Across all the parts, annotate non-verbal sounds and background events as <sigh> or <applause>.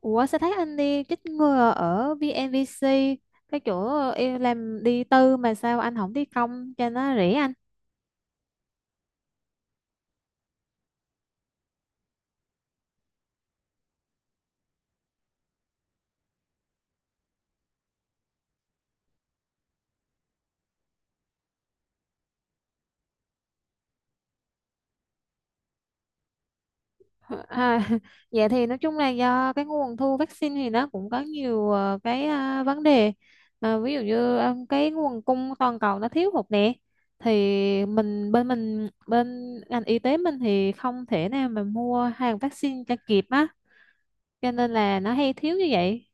Ủa, sao thấy anh đi chích ngừa ở VNVC, cái chỗ em làm? Đi tư mà sao anh không đi công cho nó rẻ anh? À, <laughs> vậy thì nói chung là do cái nguồn thu vaccine thì nó cũng có nhiều cái vấn đề. Ví dụ như cái nguồn cung toàn cầu nó thiếu hụt nè, thì mình bên ngành y tế mình thì không thể nào mà mua hàng vaccine cho kịp á, cho nên là nó hay thiếu như vậy.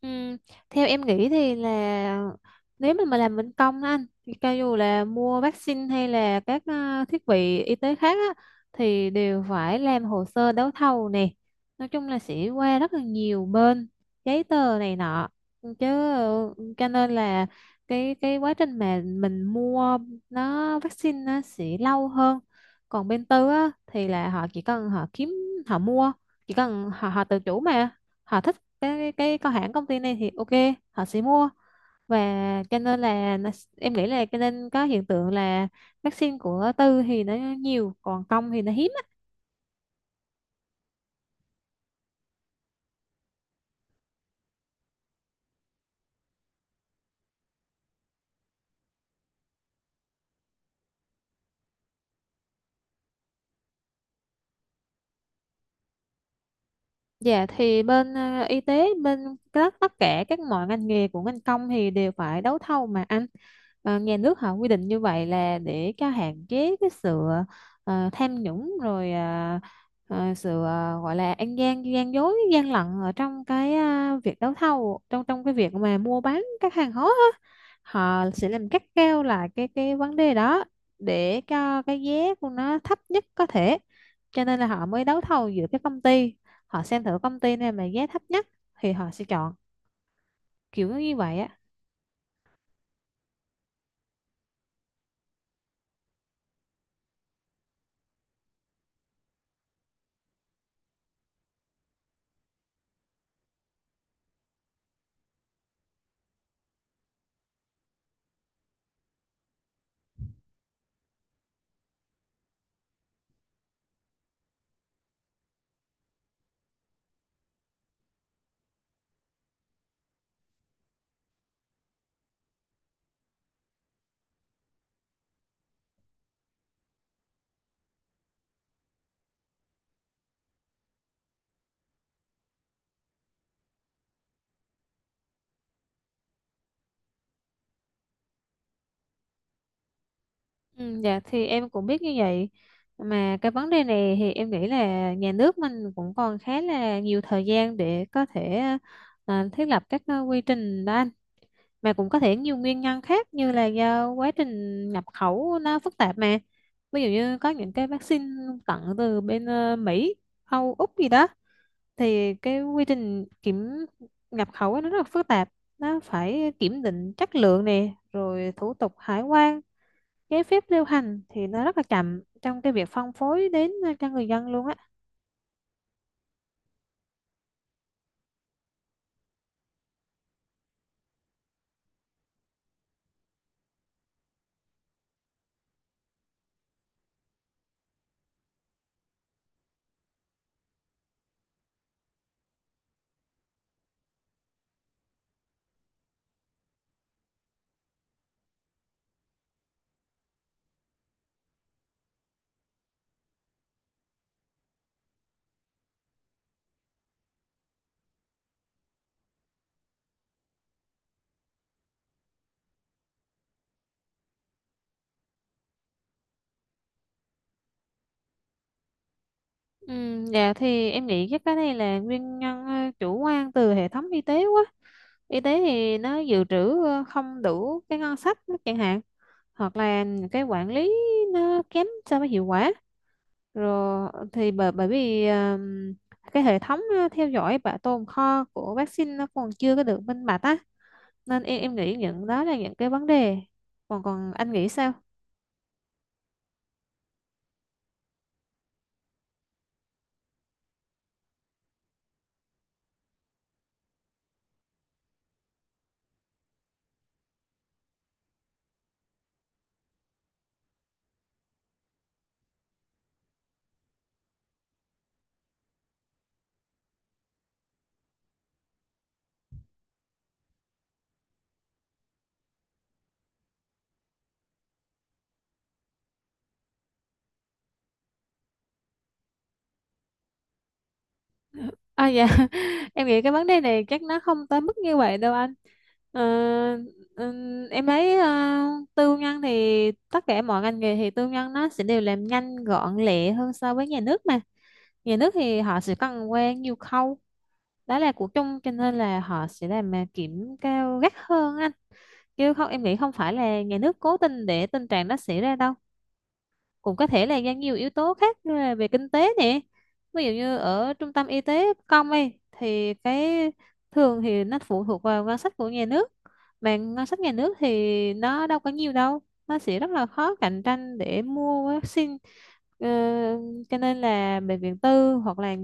Ừm, Theo em nghĩ thì là, nếu mà làm bên công á anh, thì cho dù là mua vaccine hay là các thiết bị y tế khác á, thì đều phải làm hồ sơ đấu thầu nè, nói chung là sẽ qua rất là nhiều bên giấy tờ này nọ chứ, cho nên là cái quá trình mà mình mua nó vaccine nó sẽ lâu hơn. Còn bên tư á thì là họ chỉ cần họ kiếm, họ mua, chỉ cần họ họ tự chủ mà, họ thích cái có hãng công ty này thì ok họ sẽ mua. Và cho nên là em nghĩ là cho nên có hiện tượng là vaccine của tư thì nó nhiều, còn công thì nó hiếm. Dạ, thì bên y tế, bên các tất cả các mọi ngành nghề của ngành công thì đều phải đấu thầu mà anh. Nhà nước họ quy định như vậy là để cho hạn chế cái sự tham nhũng, rồi sự gọi là ăn gian, gian dối, gian lận ở trong cái việc đấu thầu, trong trong cái việc mà mua bán các hàng hóa á. Họ sẽ làm cắt keo lại cái vấn đề đó, để cho cái giá của nó thấp nhất có thể, cho nên là họ mới đấu thầu giữa các công ty. Họ xem thử công ty này mà giá thấp nhất thì họ sẽ chọn, kiểu như vậy á. Ừ, dạ, thì em cũng biết như vậy. Mà cái vấn đề này thì em nghĩ là nhà nước mình cũng còn khá là nhiều thời gian để có thể thiết lập các quy trình đó anh. Mà cũng có thể nhiều nguyên nhân khác như là do quá trình nhập khẩu nó phức tạp mà. Ví dụ như có những cái vaccine tận từ bên Mỹ, Âu, Úc gì đó, thì cái quy trình kiểm nhập khẩu ấy nó rất là phức tạp. Nó phải kiểm định chất lượng nè, rồi thủ tục hải quan, giấy phép lưu hành thì nó rất là chậm trong cái việc phân phối đến cho người dân luôn á. Ừ, dạ, thì em nghĩ chắc cái này là nguyên nhân chủ quan từ hệ thống y tế quá. Y tế thì nó dự trữ không đủ cái ngân sách chẳng hạn, hoặc là cái quản lý nó kém so với hiệu quả. Rồi thì bởi bởi vì cái hệ thống theo dõi bảo tồn kho của vaccine nó còn chưa có được minh bạch á. Nên em nghĩ những đó là những cái vấn đề. Còn còn anh nghĩ sao? À, dạ, <laughs> em nghĩ cái vấn đề này chắc nó không tới mức như vậy đâu anh. Ờ, em thấy tư nhân thì tất cả mọi ngành nghề thì tư nhân nó sẽ đều làm nhanh gọn lẹ hơn so với nhà nước mà. Nhà nước thì họ sẽ cần qua nhiều khâu, đó là của chung cho nên là họ sẽ làm kiểm cao gắt hơn anh. Chứ không em nghĩ không phải là nhà nước cố tình để tình trạng đó xảy ra đâu. Cũng có thể là do nhiều yếu tố khác như là về kinh tế nè, ví dụ như ở trung tâm y tế công ấy thì cái thường thì nó phụ thuộc vào ngân sách của nhà nước, mà ngân sách nhà nước thì nó đâu có nhiều đâu, nó sẽ rất là khó cạnh tranh để mua vaccine. Ờ, cho nên là bệnh viện tư, hoặc là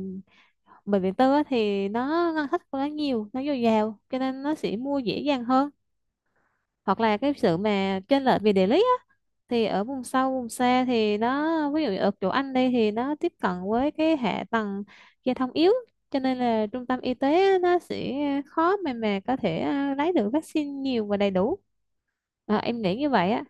bệnh viện tư á thì nó ngân sách của nó nhiều, nó dồi dào cho nên nó sẽ mua dễ dàng hơn. Hoặc là cái sự mà chênh lệch về địa lý á, thì ở vùng sâu vùng xa thì nó, ví dụ ở chỗ anh đây thì nó tiếp cận với cái hạ tầng giao thông yếu, cho nên là trung tâm y tế nó sẽ khó mà có thể lấy được vaccine nhiều và đầy đủ. Em nghĩ như vậy á.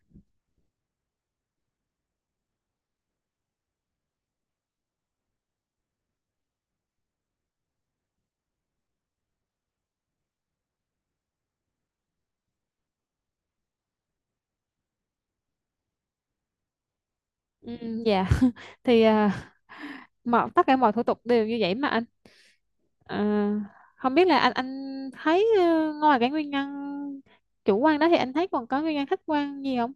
Ừ, dạ, thì mọi tất cả mọi thủ tục đều như vậy mà anh. Không biết là anh thấy ngoài cái nguyên nhân chủ quan đó thì anh thấy còn có nguyên nhân khách quan gì không?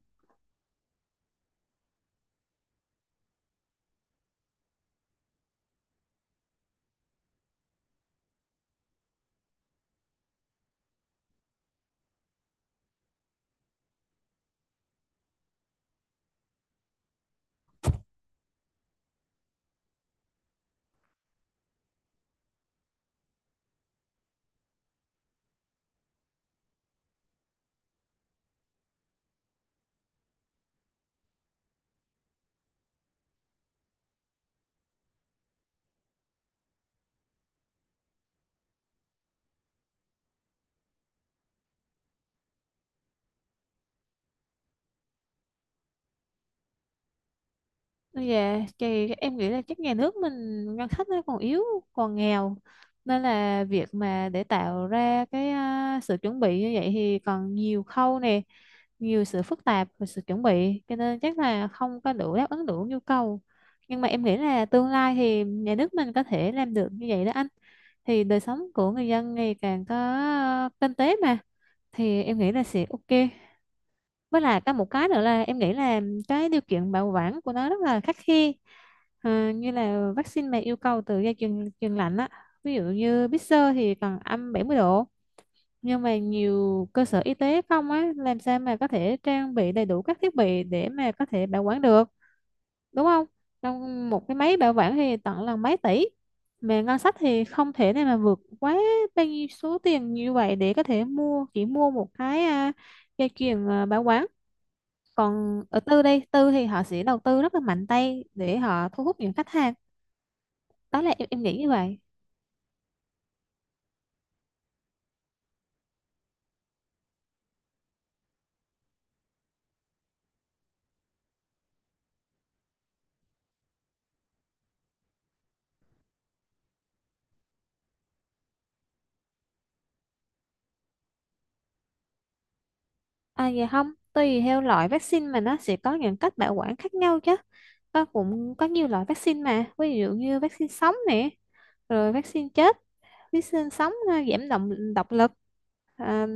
Dạ, thì em nghĩ là chắc nhà nước mình ngân sách nó còn yếu, còn nghèo, nên là việc mà để tạo ra cái sự chuẩn bị như vậy thì còn nhiều khâu nè, nhiều sự phức tạp và sự chuẩn bị, cho nên chắc là không có đủ đáp ứng đủ nhu cầu. Nhưng mà em nghĩ là tương lai thì nhà nước mình có thể làm được như vậy đó anh. Thì đời sống của người dân ngày càng có kinh tế mà, thì em nghĩ là sẽ ok. Với lại có một cái nữa là em nghĩ là cái điều kiện bảo quản của nó rất là khắt khe. Như là vaccine mà yêu cầu từ dây chuyền chuyền lạnh á, ví dụ như Pfizer thì cần âm 70 độ. Nhưng mà nhiều cơ sở y tế không á, làm sao mà có thể trang bị đầy đủ các thiết bị để mà có thể bảo quản được, đúng không? Trong một cái máy bảo quản thì tận là mấy tỷ, mà ngân sách thì không thể nào mà vượt quá bao nhiêu số tiền như vậy để có thể mua, chỉ mua một cái dây chuyền bảo quản. Còn ở tư đây tư thì họ sẽ đầu tư rất là mạnh tay để họ thu hút những khách hàng. Đó là em nghĩ như vậy. À, vậy không, tùy theo loại vaccine mà nó sẽ có những cách bảo quản khác nhau chứ. Có, cũng có nhiều loại vaccine mà ví dụ như vaccine sống nè, rồi vaccine chết, vaccine sống giảm động độc lực, à,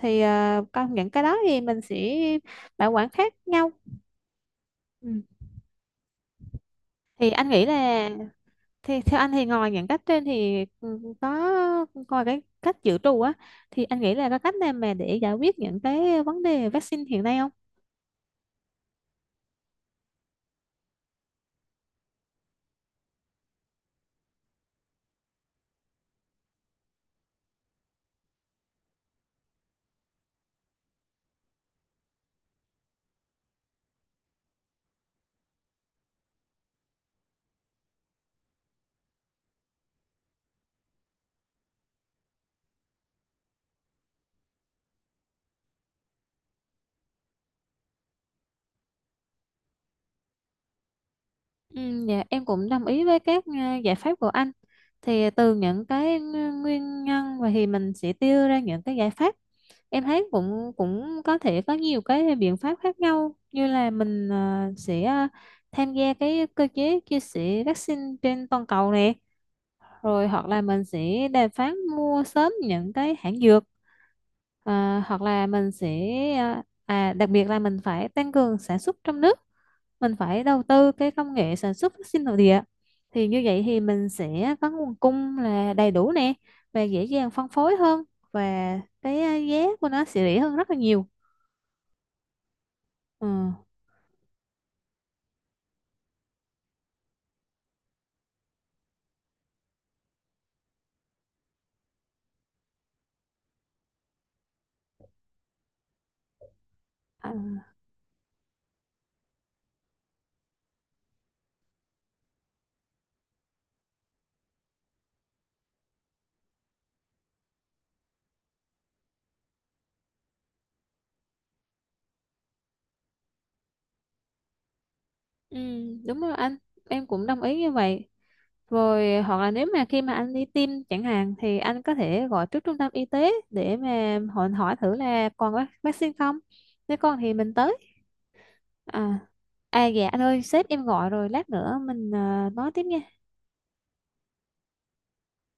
thì có những cái đó thì mình sẽ bảo quản khác nhau. Ừ. thì anh nghĩ là Thì theo anh thì ngoài những cách trên thì có coi cái cách dự trù á, thì anh nghĩ là có cách nào mà để giải quyết những cái vấn đề vaccine hiện nay không? Ừ, dạ, em cũng đồng ý với các giải pháp của anh. Thì từ những cái nguyên nhân và thì mình sẽ đưa ra những cái giải pháp. Em thấy cũng cũng có thể có nhiều cái biện pháp khác nhau như là mình sẽ tham gia cái cơ chế chia sẻ vaccine trên toàn cầu nè, rồi hoặc là mình sẽ đàm phán mua sớm những cái hãng dược, hoặc là mình sẽ đặc biệt là mình phải tăng cường sản xuất trong nước. Mình phải đầu tư cái công nghệ sản xuất vaccine nội địa, thì như vậy thì mình sẽ có nguồn cung là đầy đủ nè, và dễ dàng phân phối hơn, và cái giá của nó sẽ rẻ hơn rất là nhiều. Ừ. À, ừ, đúng rồi anh, em cũng đồng ý như vậy. Rồi hoặc là nếu mà khi mà anh đi tiêm chẳng hạn thì anh có thể gọi trước trung tâm y tế để mà hỏi hỏi thử là còn vaccine không, nếu còn thì mình tới. à dạ anh ơi sếp em gọi rồi, lát nữa mình nói tiếp nha.